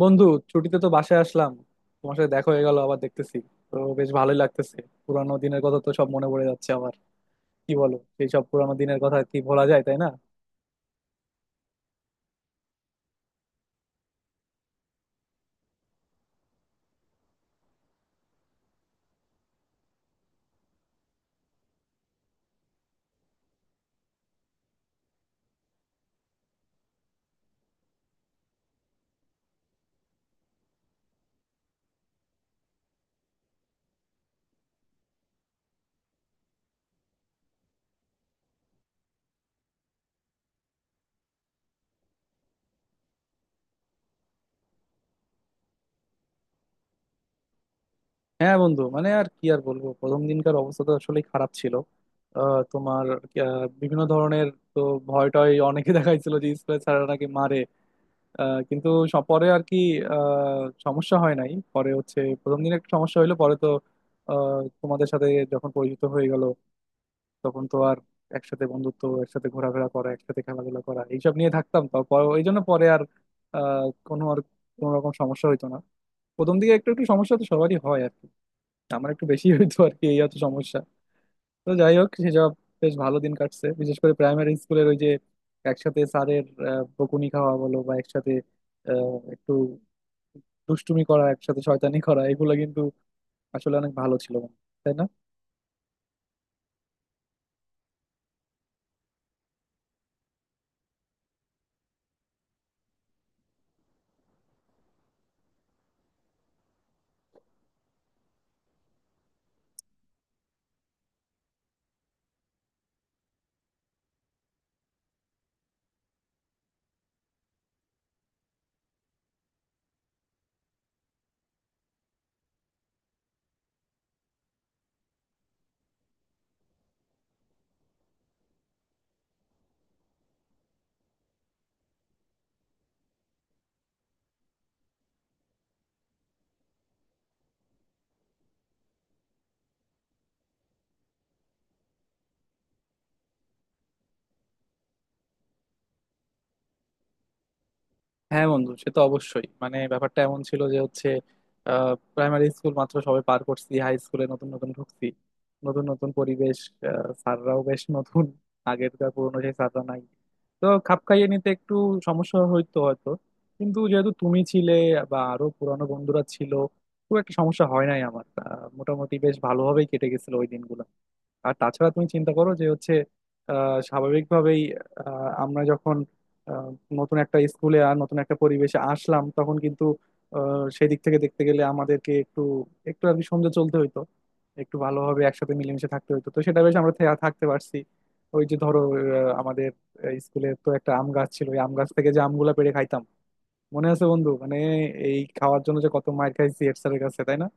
বন্ধু, ছুটিতে তো বাসায় আসলাম। তোমার সাথে দেখা হয়ে গেল, আবার দেখতেছি, তো বেশ ভালোই লাগতেছে। পুরানো দিনের কথা তো সব মনে পড়ে যাচ্ছে আবার। কি বলো, সেই সব পুরানো দিনের কথা কি ভোলা যায়, তাই না? হ্যাঁ বন্ধু, মানে আর কি আর বলবো, প্রথম দিনকার অবস্থা তো আসলে খারাপ ছিল। তোমার, বিভিন্ন ধরনের, তো ভয় টয় অনেকে দেখাইছিল যে স্কুলের স্যাররা নাকি মারে। কিন্তু পরে আর কি সমস্যা হয় নাই, পরে হচ্ছে প্রথম দিন একটু সমস্যা হইলো, পরে তো তোমাদের সাথে যখন পরিচিত হয়ে গেল তখন তো আর একসাথে বন্ধুত্ব, একসাথে ঘোরাফেরা করা, একসাথে খেলাধুলা করা, এইসব নিয়ে থাকতাম, তো এই জন্য পরে আর আহ, কোনো আর কোনো রকম সমস্যা হইতো না। প্রথম দিকে একটু একটু সমস্যা তো সবারই হয় আর কি, আমার একটু বেশি হইতো আর কি, এই হচ্ছে সমস্যা। তো যাই হোক, সেসব বেশ ভালো দিন কাটছে। বিশেষ করে প্রাইমারি স্কুলের ওই যে একসাথে স্যারের বকুনি খাওয়া বলো, বা একসাথে একটু দুষ্টুমি করা, একসাথে শয়তানি করা, এগুলো কিন্তু আসলে অনেক ভালো ছিল, তাই না? হ্যাঁ বন্ধু, সে তো অবশ্যই। মানে ব্যাপারটা এমন ছিল যে হচ্ছে প্রাইমারি স্কুল মাত্র সবে পার করছি, হাই স্কুলে নতুন নতুন ঢুকছি, নতুন নতুন পরিবেশ, স্যাররাও বেশ নতুন, আগেরকার পুরোনো সেই স্যাররা নাই। তো খাপ খাইয়ে নিতে একটু সমস্যা হইতো হয়তো, কিন্তু যেহেতু তুমি ছিলে বা আরো পুরানো বন্ধুরা ছিল, খুব একটা সমস্যা হয় নাই আমার। মোটামুটি বেশ ভালোভাবেই কেটে গেছিল ওই দিনগুলো। আর তাছাড়া তুমি চিন্তা করো, যে হচ্ছে স্বাভাবিকভাবেই আমরা যখন আহ, নতুন একটা স্কুলে আর নতুন একটা পরিবেশে আসলাম, তখন কিন্তু সেই দিক থেকে দেখতে গেলে আমাদেরকে একটু একটু আর কি সমঝে চলতে হইতো, একটু ভালোভাবে একসাথে মিলেমিশে থাকতে হইতো, তো সেটা বেশ আমরা থাকতে পারছি। ওই যে ধরো আমাদের স্কুলে তো একটা আম গাছ ছিল, ওই আম গাছ থেকে যে আমগুলা পেড়ে খাইতাম, মনে আছে বন্ধু? মানে এই খাওয়ার জন্য যে কত মার খাইছি হেড স্যারের কাছে, তাই না?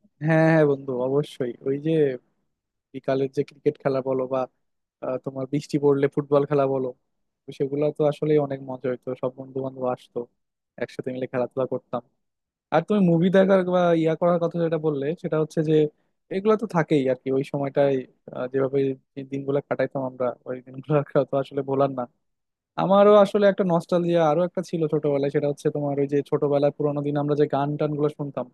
হ্যাঁ হ্যাঁ বন্ধু, অবশ্যই। ওই যে বিকালের যে ক্রিকেট খেলা বলো, বা তোমার বৃষ্টি পড়লে ফুটবল খেলা বলো, তো সেগুলো তো আসলে অনেক মজা হইতো, সব বন্ধু বান্ধব আসতো, একসাথে মিলে খেলাধুলা করতাম। আর তুমি মুভি দেখার বা ইয়া করার কথা যেটা বললে, সেটা হচ্ছে যে এগুলো তো থাকেই আর কি ওই সময়টায়। যেভাবে এই দিনগুলো কাটাইতাম আমরা, ওই দিনগুলো তো আসলে ভোলার না। আমারও আসলে একটা নস্টালজিয়া আরো একটা ছিল ছোটবেলায়, সেটা হচ্ছে তোমার ওই যে ছোটবেলায় পুরোনো দিন আমরা যে গান টান গুলো শুনতাম,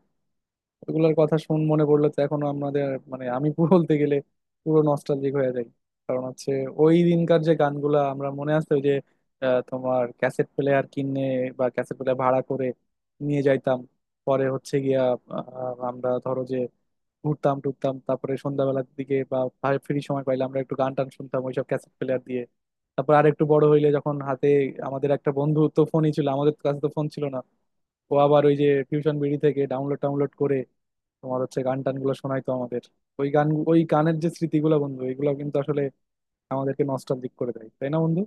ওগুলোর কথা শুন মনে পড়লে তো এখনো আমাদের, মানে আমি পুরো বলতে গেলে পুরো নস্টালজিক হয়ে যাই। কারণ হচ্ছে ওই দিনকার যে গানগুলা আমরা, মনে আছে ওই যে তোমার ক্যাসেট প্লেয়ার কিনে বা ক্যাসেট প্লেয়ার ভাড়া করে নিয়ে যাইতাম, পরে হচ্ছে গিয়া আমরা ধরো যে ঘুরতাম টুরতাম, তারপরে সন্ধ্যাবেলার দিকে বা ফ্রি সময় পাইলে আমরা একটু গান টান শুনতাম ওইসব ক্যাসেট প্লেয়ার দিয়ে। তারপর আর একটু বড় হইলে, যখন হাতে আমাদের একটা বন্ধু তো ফোনই ছিল, আমাদের কাছে তো ফোন ছিল না। ও আবার ওই যে ফিউশন বিডি থেকে ডাউনলোড টাউনলোড করে তোমার হচ্ছে গান টান গুলো শোনাইতো আমাদের। ওই গান, ওই গানের যে স্মৃতিগুলো বন্ধু, এগুলো কিন্তু আসলে আমাদেরকে নস্টালজিক করে দেয়, তাই না বন্ধু?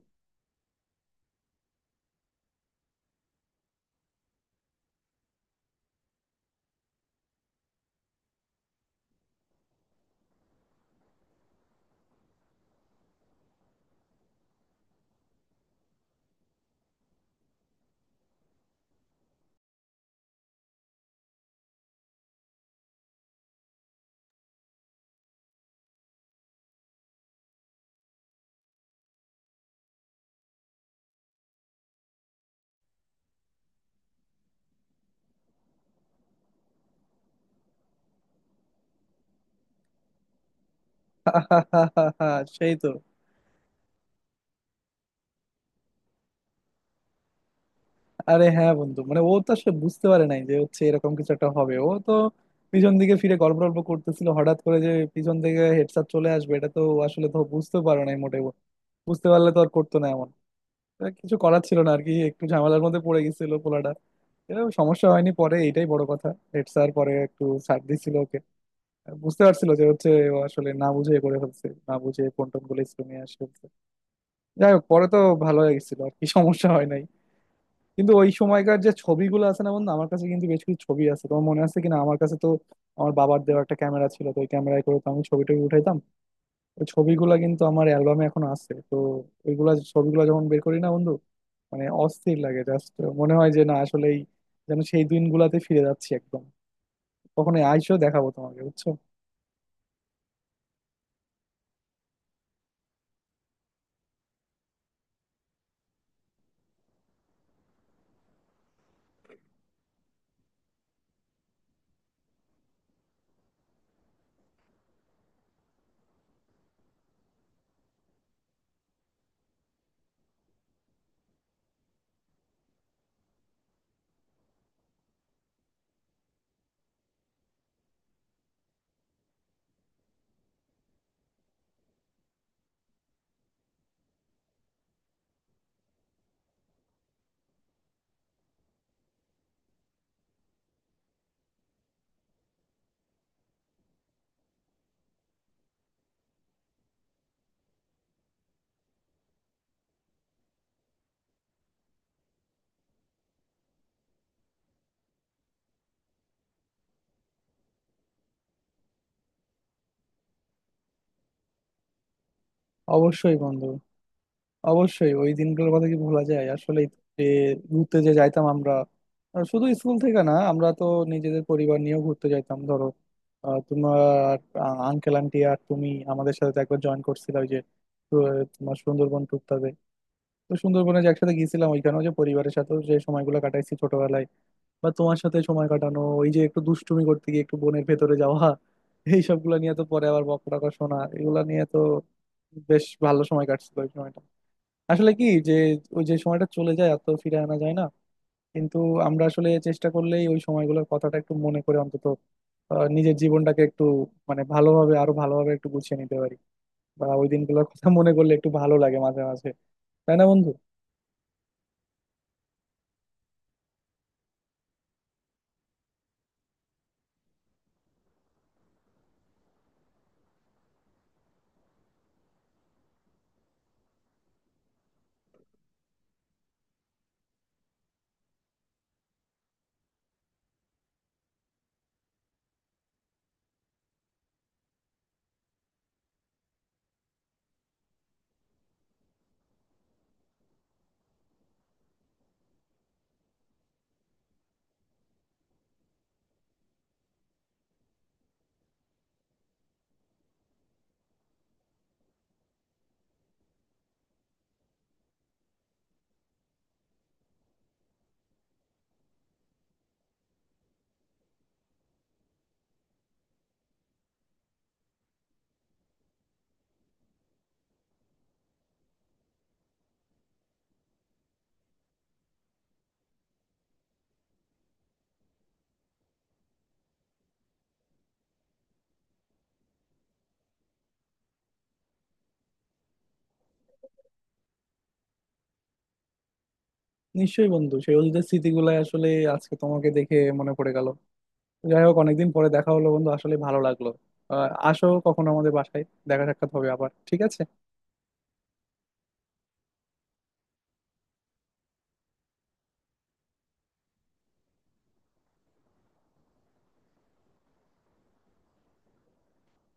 সেই তো। আরে হ্যাঁ বন্ধু, মানে ও তো আসলে বুঝতে পারে নাই যে হচ্ছে এরকম কিছু একটা হবে। ও তো পিছন দিকে ফিরে গল্প টল্প করতেছিল, হঠাৎ করে যে পিছন থেকে হেডসেট চলে আসবে এটা তো ও আসলে তো বুঝতে পারে নাই মোটেও। বুঝতে পারলে তো আর করতো না এমন। কিছু করার ছিল না আর কি, একটু ঝামেলার মধ্যে পড়ে গেছিল পোলাটা। এরকম সমস্যা হয়নি পরে, এইটাই বড় কথা। হেড স্যার পরে একটু ছাড় দিছিল ওকে, বুঝতে পারছিল যে হচ্ছে ও আসলে না বুঝে করে ফেলছে, না বুঝে ফোন টোন গুলো স্কুল নিয়ে আসে ফেলছে। যাই হোক, পরে তো ভালো হয়ে গেছিল আর কি, সমস্যা হয় নাই। কিন্তু ওই সময়কার যে ছবিগুলো আছে না বন্ধু, আমার কাছে কিন্তু বেশ কিছু ছবি আছে, তোমার মনে আছে কিনা। আমার কাছে তো আমার বাবার দেওয়া একটা ক্যামেরা ছিল, তো ওই ক্যামেরায় করে তো আমি ছবি টবি উঠাইতাম। ওই ছবিগুলা কিন্তু আমার অ্যালবামে এখন আছে। তো ওইগুলা ছবিগুলো যখন বের করি না বন্ধু, মানে অস্থির লাগে জাস্ট। মনে হয় যে না, আসলেই যেন সেই দিনগুলাতে ফিরে যাচ্ছি একদম। কখনো আইসো, দেখাবো তোমাকে, বুঝছো? অবশ্যই বন্ধু, অবশ্যই। ওই দিনগুলোর কথা কি ভোলা যায় আসলে, যে ঘুরতে যে যাইতাম আমরা। শুধু স্কুল থেকে না, আমরা তো নিজেদের পরিবার নিয়েও ঘুরতে যাইতাম ধরো, তোমার আঙ্কেল আন্টি আর তুমি আমাদের সাথে তো একবার জয়েন করছিলে ওই যে আহ, তোমার সুন্দরবন টুকটাতে। তো সুন্দরবনে যে একসাথে গিয়েছিলাম, ওইখানেও যে পরিবারের সাথেও যে সময়গুলো কাটাইছি ছোটবেলায়, বা তোমার সাথে সময় কাটানো, ওই যে একটু দুষ্টুমি করতে গিয়ে একটু বনের ভেতরে যাওয়া এই সবগুলো নিয়ে তো পরে আবার বকা টকা শোনা, এগুলা নিয়ে তো বেশ ভালো সময় কাটছিল ওই সময়টা। আসলে কি যে, ওই যে সময়টা চলে যায় আর তো ফিরে আনা যায় না। কিন্তু আমরা আসলে চেষ্টা করলেই ওই সময়গুলোর কথাটা একটু মনে করে অন্তত নিজের জীবনটাকে একটু মানে ভালোভাবে, আরো ভালোভাবে একটু গুছিয়ে নিতে পারি। বা ওই দিনগুলোর কথা মনে করলে একটু ভালো লাগে মাঝে মাঝে, তাই না বন্ধু? নিশ্চয়ই বন্ধু, সেই অতীতের স্মৃতিগুলাই আসলে আজকে তোমাকে দেখে মনে পড়ে গেল। যাই হোক, অনেকদিন পরে দেখা হলো বন্ধু, আসলে ভালো লাগলো। আসো কখনো আমাদের বাসায়, দেখা সাক্ষাৎ হবে আবার, ঠিক আছে?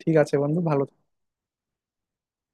ঠিক আছে বন্ধু, ভালো থেকো।